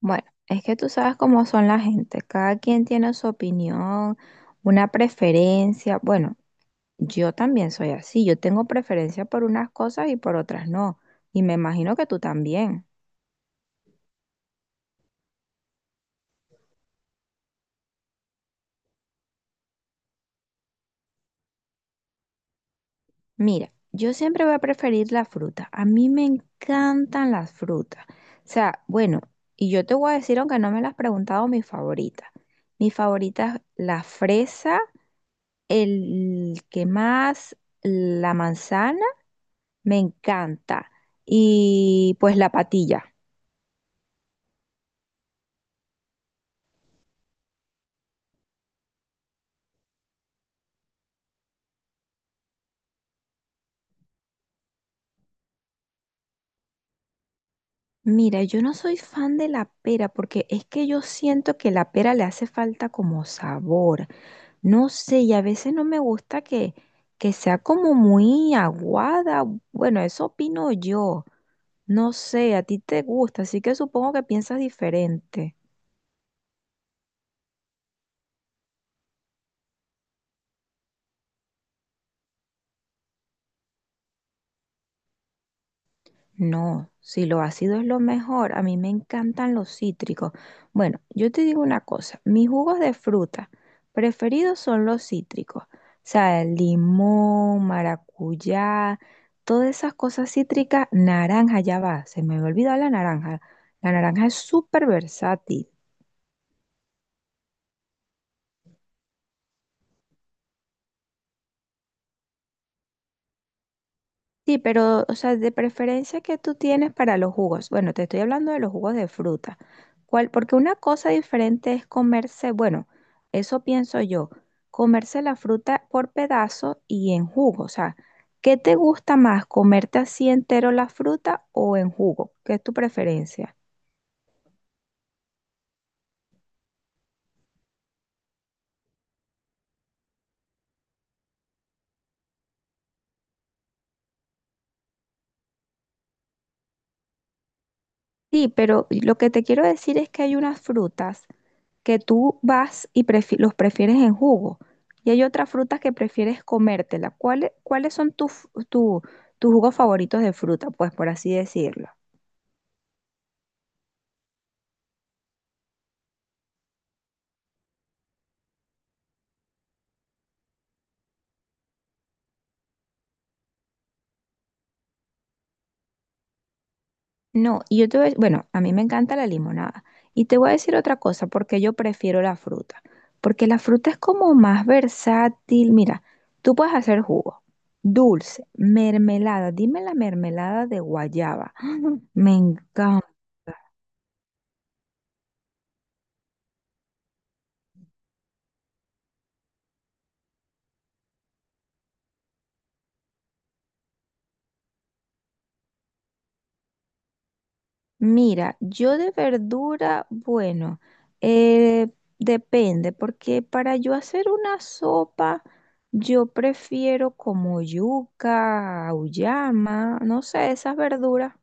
Bueno, es que tú sabes cómo son la gente, cada quien tiene su opinión, una preferencia. Bueno, yo también soy así, yo tengo preferencia por unas cosas y por otras no, y me imagino que tú también. Mira, yo siempre voy a preferir la fruta, a mí me encantan las frutas. O sea, bueno, y yo te voy a decir, aunque no me las has preguntado, mi favorita. Mi favorita es la fresa, el que más, la manzana. Me encanta. Y pues la patilla. Mira, yo no soy fan de la pera porque es que yo siento que la pera le hace falta como sabor. No sé, y a veces no me gusta que sea como muy aguada. Bueno, eso opino yo. No sé, a ti te gusta, así que supongo que piensas diferente. No, si lo ácido es lo mejor, a mí me encantan los cítricos. Bueno, yo te digo una cosa, mis jugos de fruta preferidos son los cítricos. O sea, el limón, maracuyá, todas esas cosas cítricas, naranja, ya va, se me había olvidado la naranja. La naranja es súper versátil. Sí, pero, o sea, de preferencia que tú tienes para los jugos. Bueno, te estoy hablando de los jugos de fruta. ¿Cuál? Porque una cosa diferente es comerse, bueno, eso pienso yo, comerse la fruta por pedazo y en jugo. O sea, ¿qué te gusta más, comerte así entero la fruta o en jugo? ¿Qué es tu preferencia? Sí, pero lo que te quiero decir es que hay unas frutas que tú vas y los prefieres en jugo. Y hay otras frutas que prefieres comértela. Cuáles son tus jugos favoritos de fruta? Pues por así decirlo. No, y yo te voy a, bueno, a mí me encanta la limonada. Y te voy a decir otra cosa, porque yo prefiero la fruta. Porque la fruta es como más versátil. Mira, tú puedes hacer jugo, dulce, mermelada. Dime la mermelada de guayaba. Me encanta. Mira, yo de verdura, bueno, eh, depende, porque para yo hacer una sopa, yo prefiero como yuca, auyama, no sé, esas verduras.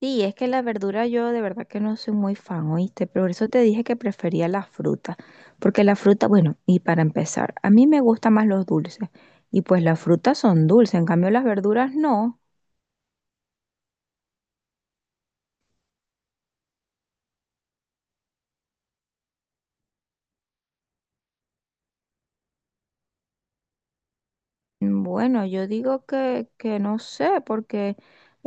Sí, es que la verdura yo de verdad que no soy muy fan, ¿oíste? Por eso te dije que prefería la fruta, porque la fruta, bueno, y para empezar, a mí me gustan más los dulces, y pues las frutas son dulces, en cambio las verduras no. Bueno, yo digo que no sé, porque...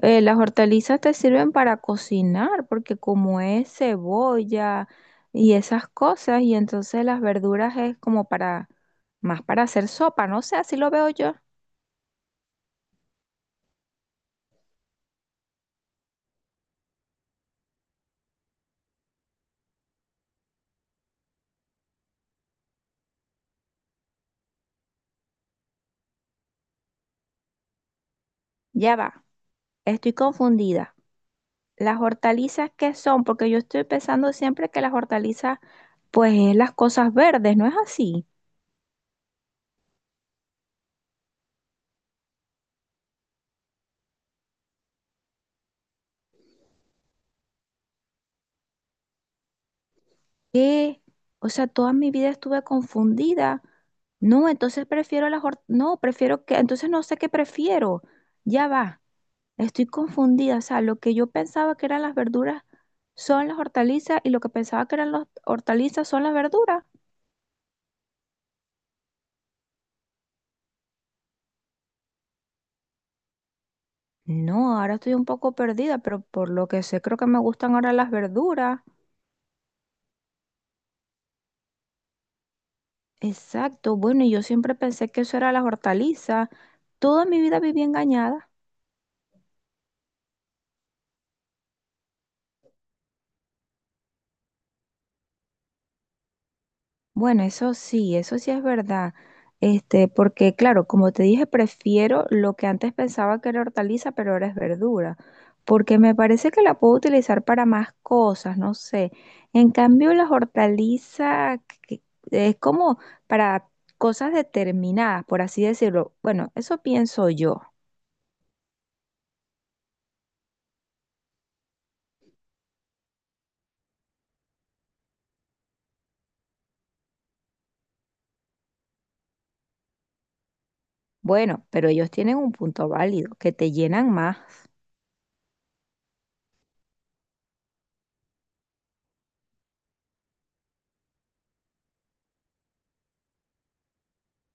Las hortalizas te sirven para cocinar, porque como es cebolla y esas cosas, y entonces las verduras es como para, más para hacer sopa, no sé, así lo veo yo. Ya va, estoy confundida. ¿Las hortalizas qué son? Porque yo estoy pensando siempre que las hortalizas, pues es las cosas verdes, ¿no es así? ¿Qué? O sea, toda mi vida estuve confundida. No, entonces prefiero las no, prefiero que, entonces no sé qué prefiero. Ya va. Estoy confundida, o sea, lo que yo pensaba que eran las verduras son las hortalizas y lo que pensaba que eran las hortalizas son las verduras. No, ahora estoy un poco perdida, pero por lo que sé creo que me gustan ahora las verduras. Exacto, bueno, y yo siempre pensé que eso era las hortalizas. Toda mi vida viví engañada. Bueno, eso sí es verdad. Este, porque claro, como te dije, prefiero lo que antes pensaba que era hortaliza, pero ahora es verdura, porque me parece que la puedo utilizar para más cosas, no sé. En cambio, las hortalizas que es como para cosas determinadas, por así decirlo. Bueno, eso pienso yo. Bueno, pero ellos tienen un punto válido, que te llenan más.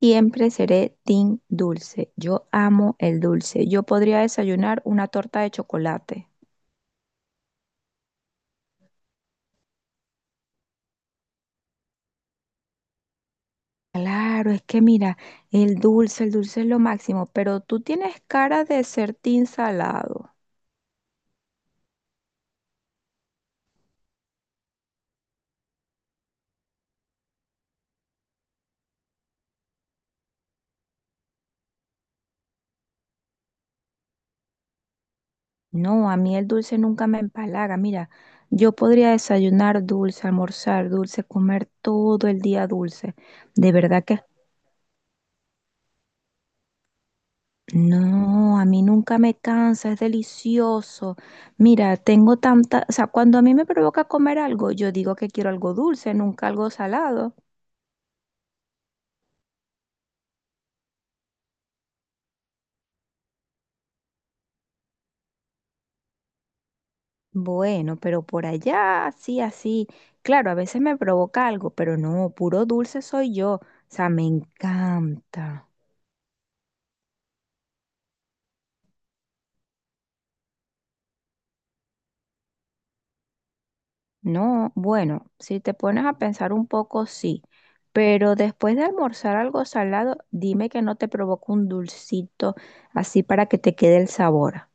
Siempre seré team dulce. Yo amo el dulce. Yo podría desayunar una torta de chocolate. Claro, es que mira, el dulce es lo máximo, pero tú tienes cara de ser team salado. No, a mí el dulce nunca me empalaga. Mira, yo podría desayunar dulce, almorzar dulce, comer todo el día dulce. De verdad que No, a mí nunca me cansa, es delicioso. Mira, tengo tanta, o sea, cuando a mí me provoca comer algo, yo digo que quiero algo dulce, nunca algo salado. Bueno, pero por allá, así, así. Claro, a veces me provoca algo, pero no, puro dulce soy yo. O sea, me encanta. No, bueno, si te pones a pensar un poco, sí. Pero después de almorzar algo salado, dime que no te provoca un dulcito así para que te quede el sabor.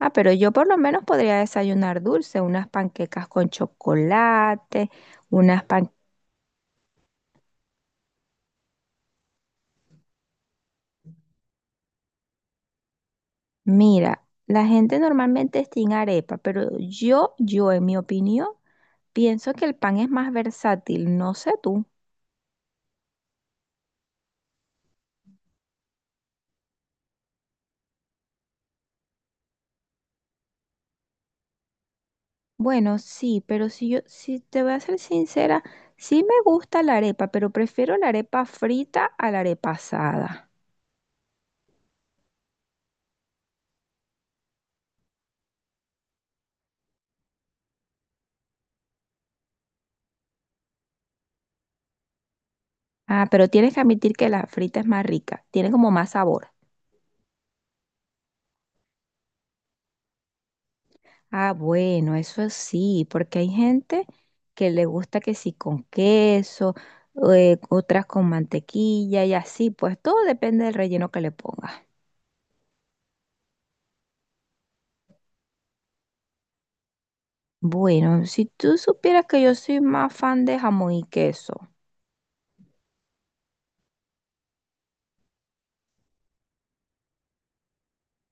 Ah, pero yo por lo menos podría desayunar dulce, unas panquecas con chocolate, unas pan... Mira, la gente normalmente es sin arepa, pero yo en mi opinión, pienso que el pan es más versátil, no sé tú. Bueno, sí, pero si te voy a ser sincera, sí me gusta la arepa, pero prefiero la arepa frita a la arepa asada. Ah, pero tienes que admitir que la frita es más rica, tiene como más sabor. Ah, bueno, eso sí, porque hay gente que le gusta que sí con queso, otras con mantequilla y así, pues todo depende del relleno que le pongas. Bueno, si tú supieras que yo soy más fan de jamón y queso.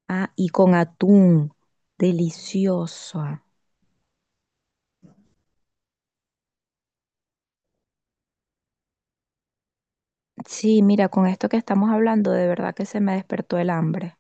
Ah, y con atún, delicioso. Sí, mira, con esto que estamos hablando, de verdad que se me despertó el hambre.